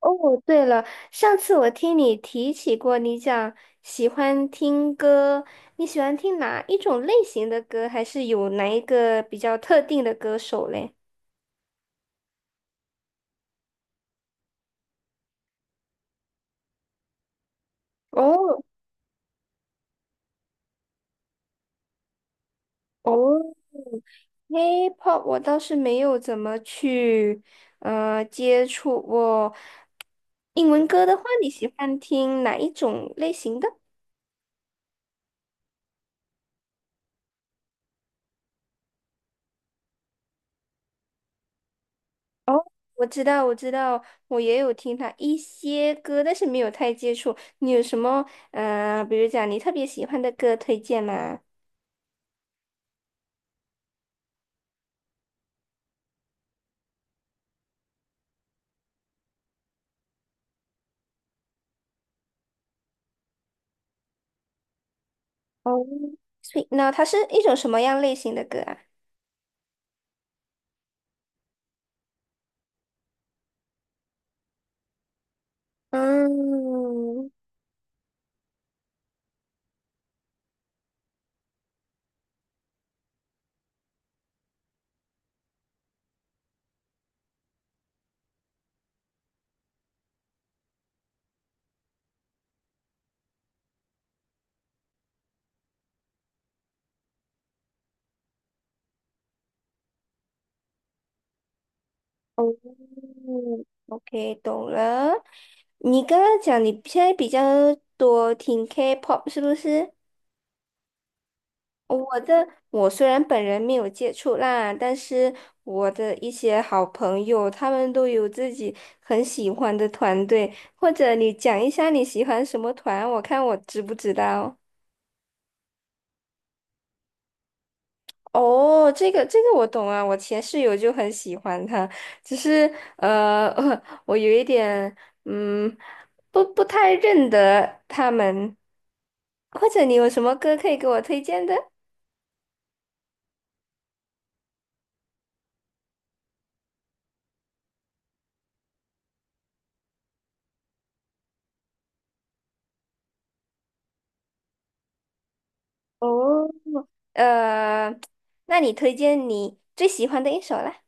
哦，对了，上次我听你提起过，你讲喜欢听歌，你喜欢听哪一种类型的歌，还是有哪一个比较特定的歌手嘞？哦哦， h i p h o p 我倒是没有怎么去接触过。英文歌的话，你喜欢听哪一种类型的？哦，我知道，我知道，我也有听他一些歌，但是没有太接触。你有什么比如讲你特别喜欢的歌推荐吗？哦，所以，那它是一种什么样类型的歌啊？嗯，哦，OK，懂了。你刚刚讲你现在比较多听 K-pop 是不是？哦我的，我虽然本人没有接触啦，但是我的一些好朋友，他们都有自己很喜欢的团队，或者你讲一下你喜欢什么团，我看我知不知道。哦，这个我懂啊，我前室友就很喜欢他，只是呃，我有一点嗯，不太认得他们，或者你有什么歌可以给我推荐的？哦，呃，那你推荐你最喜欢的一首啦？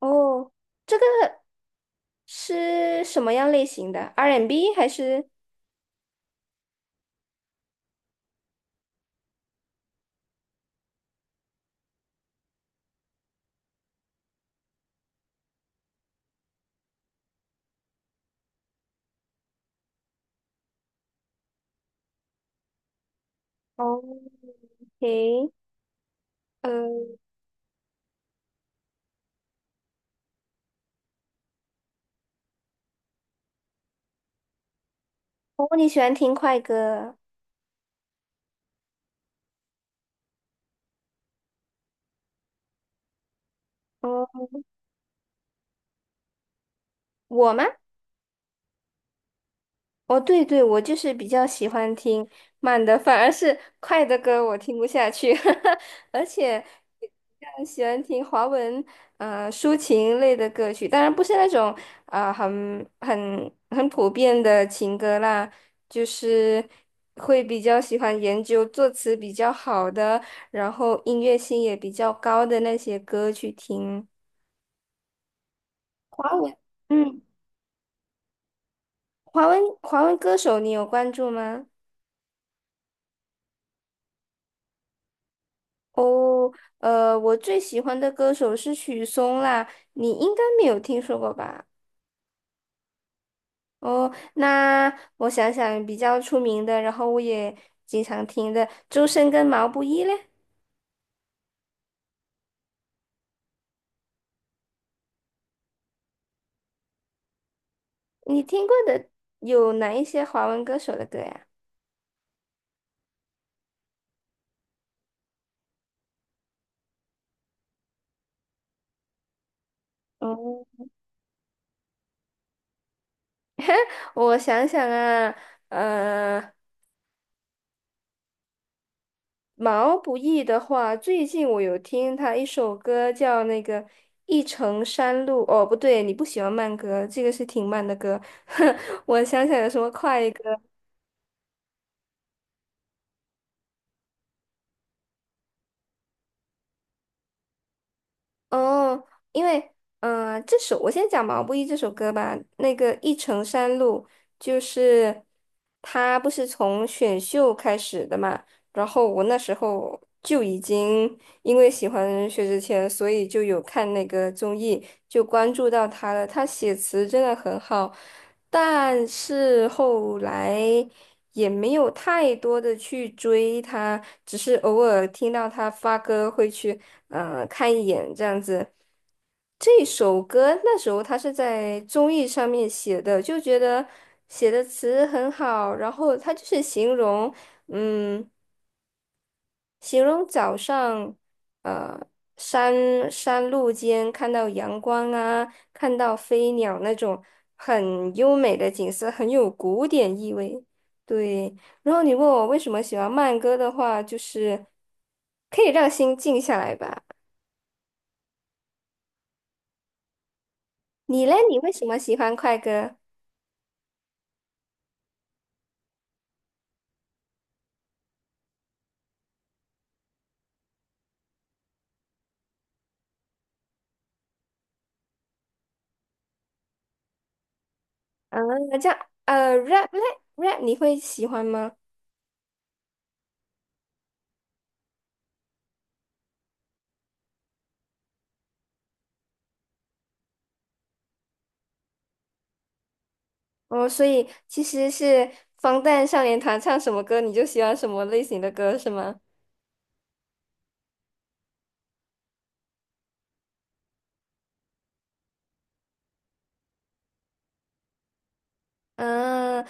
哦，是什么样类型的？R&B 还是？哦，OK，呃，哦，你喜欢听快歌？哦，我吗？哦，对对，我就是比较喜欢听慢的，反而是快的歌我听不下去，而且比较喜欢听华文抒情类的歌曲，当然不是那种啊，很普遍的情歌啦，就是会比较喜欢研究作词比较好的，然后音乐性也比较高的那些歌去听。华文，嗯，华文歌手你有关注吗？哦，我最喜欢的歌手是许嵩啦，你应该没有听说过吧？哦，那我想想，比较出名的，然后我也经常听的，周深跟毛不易嘞，你听过的有哪一些华文歌手的歌呀？哦，我想想啊，呃。毛不易的话，最近我有听他一首歌叫那个《一程山路》。哦，不对，你不喜欢慢歌，这个是挺慢的歌。我想起来有什么快歌。哦，因为这首我先讲毛不易这首歌吧。那个《一程山路》就是他不是从选秀开始的嘛，然后我那时候就已经因为喜欢薛之谦，所以就有看那个综艺，就关注到他了。他写词真的很好，但是后来也没有太多的去追他，只是偶尔听到他发歌会去看一眼这样子。这首歌那时候他是在综艺上面写的，就觉得写的词很好，然后他就是形容，嗯。形容早上，呃，山路间看到阳光啊，看到飞鸟那种很优美的景色，很有古典意味。对，然后你问我为什么喜欢慢歌的话，就是可以让心静下来吧。你嘞，你为什么喜欢快歌？啊，这样，rap 嘞，rap 你会喜欢吗？哦，所以其实是防弹少年团唱什么歌，你就喜欢什么类型的歌，是吗？嗯，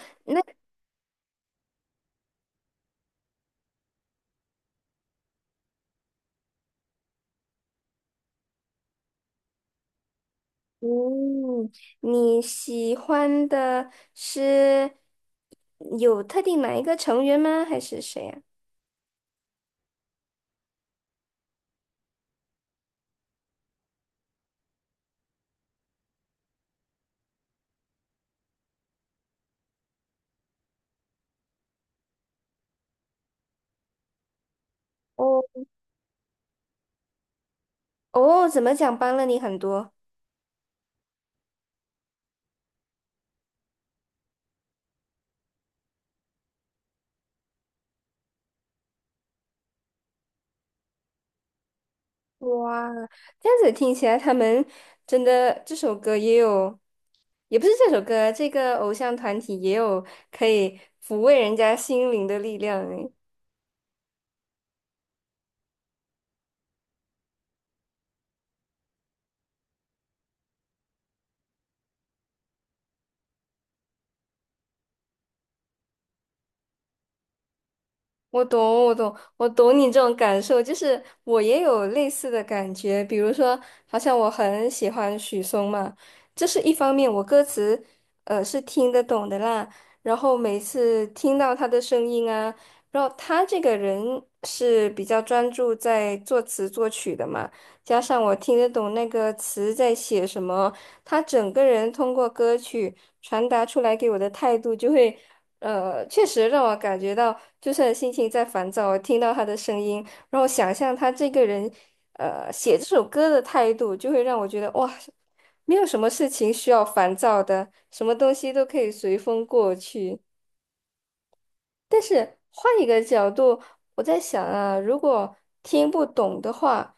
嗯，你喜欢的是有特定哪一个成员吗？还是谁呀、哦哦，怎么讲帮了你很多？哇，这样子听起来，他们真的这首歌也有，也不是这首歌，这个偶像团体也有可以抚慰人家心灵的力量诶。我懂，我懂，我懂你这种感受，就是我也有类似的感觉。比如说，好像我很喜欢许嵩嘛，这是一方面，我歌词是听得懂的啦。然后每次听到他的声音啊，然后他这个人是比较专注在作词作曲的嘛，加上我听得懂那个词在写什么，他整个人通过歌曲传达出来给我的态度就会。确实让我感觉到，就算心情在烦躁，听到他的声音，然后想象他这个人，写这首歌的态度，就会让我觉得哇，没有什么事情需要烦躁的，什么东西都可以随风过去。但是换一个角度，我在想啊，如果听不懂的话，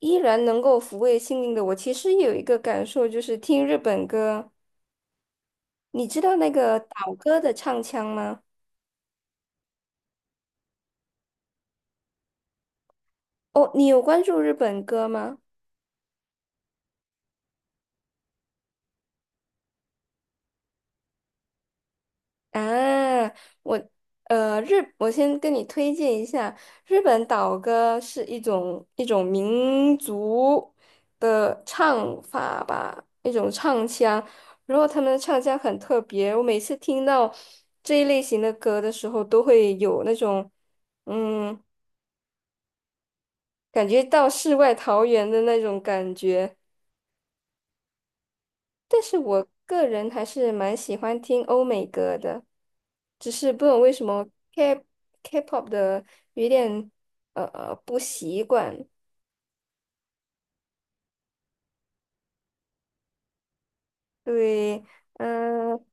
依然能够抚慰心灵的我，其实有一个感受，就是听日本歌，你知道那个岛歌的唱腔吗？哦，你有关注日本歌吗？啊，我呃日，我先跟你推荐一下，日本岛歌是一种民族的唱法吧，一种唱腔，然后他们的唱腔很特别，我每次听到这一类型的歌的时候，都会有那种嗯，感觉到世外桃源的那种感觉。但是我个人还是蛮喜欢听欧美歌的，只是不懂为什么 K K-pop 的有点不习惯。对，嗯、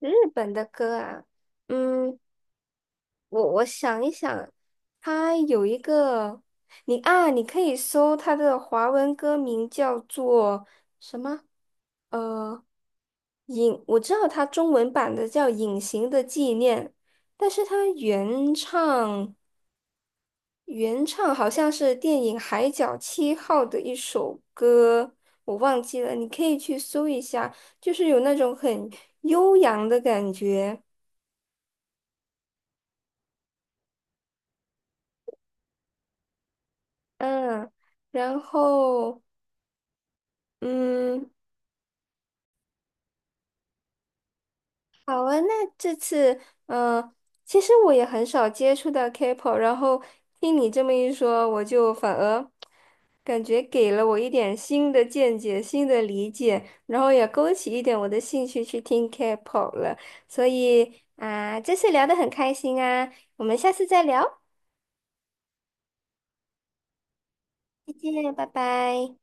日本的歌啊，嗯，我想一想，它有一个你啊，你可以搜它的华文歌名叫做什么？呃。隐，我知道它中文版的叫《隐形的纪念》，但是它原唱好像是电影《海角七号》的一首歌，我忘记了，你可以去搜一下，就是有那种很悠扬的感觉，嗯，然后嗯。好啊，那这次，嗯、其实我也很少接触到 K-pop，然后听你这么一说，我就反而感觉给了我一点新的见解、新的理解，然后也勾起一点我的兴趣去听 K-pop 了。所以啊、这次聊的很开心啊，我们下次再聊，再见，拜拜。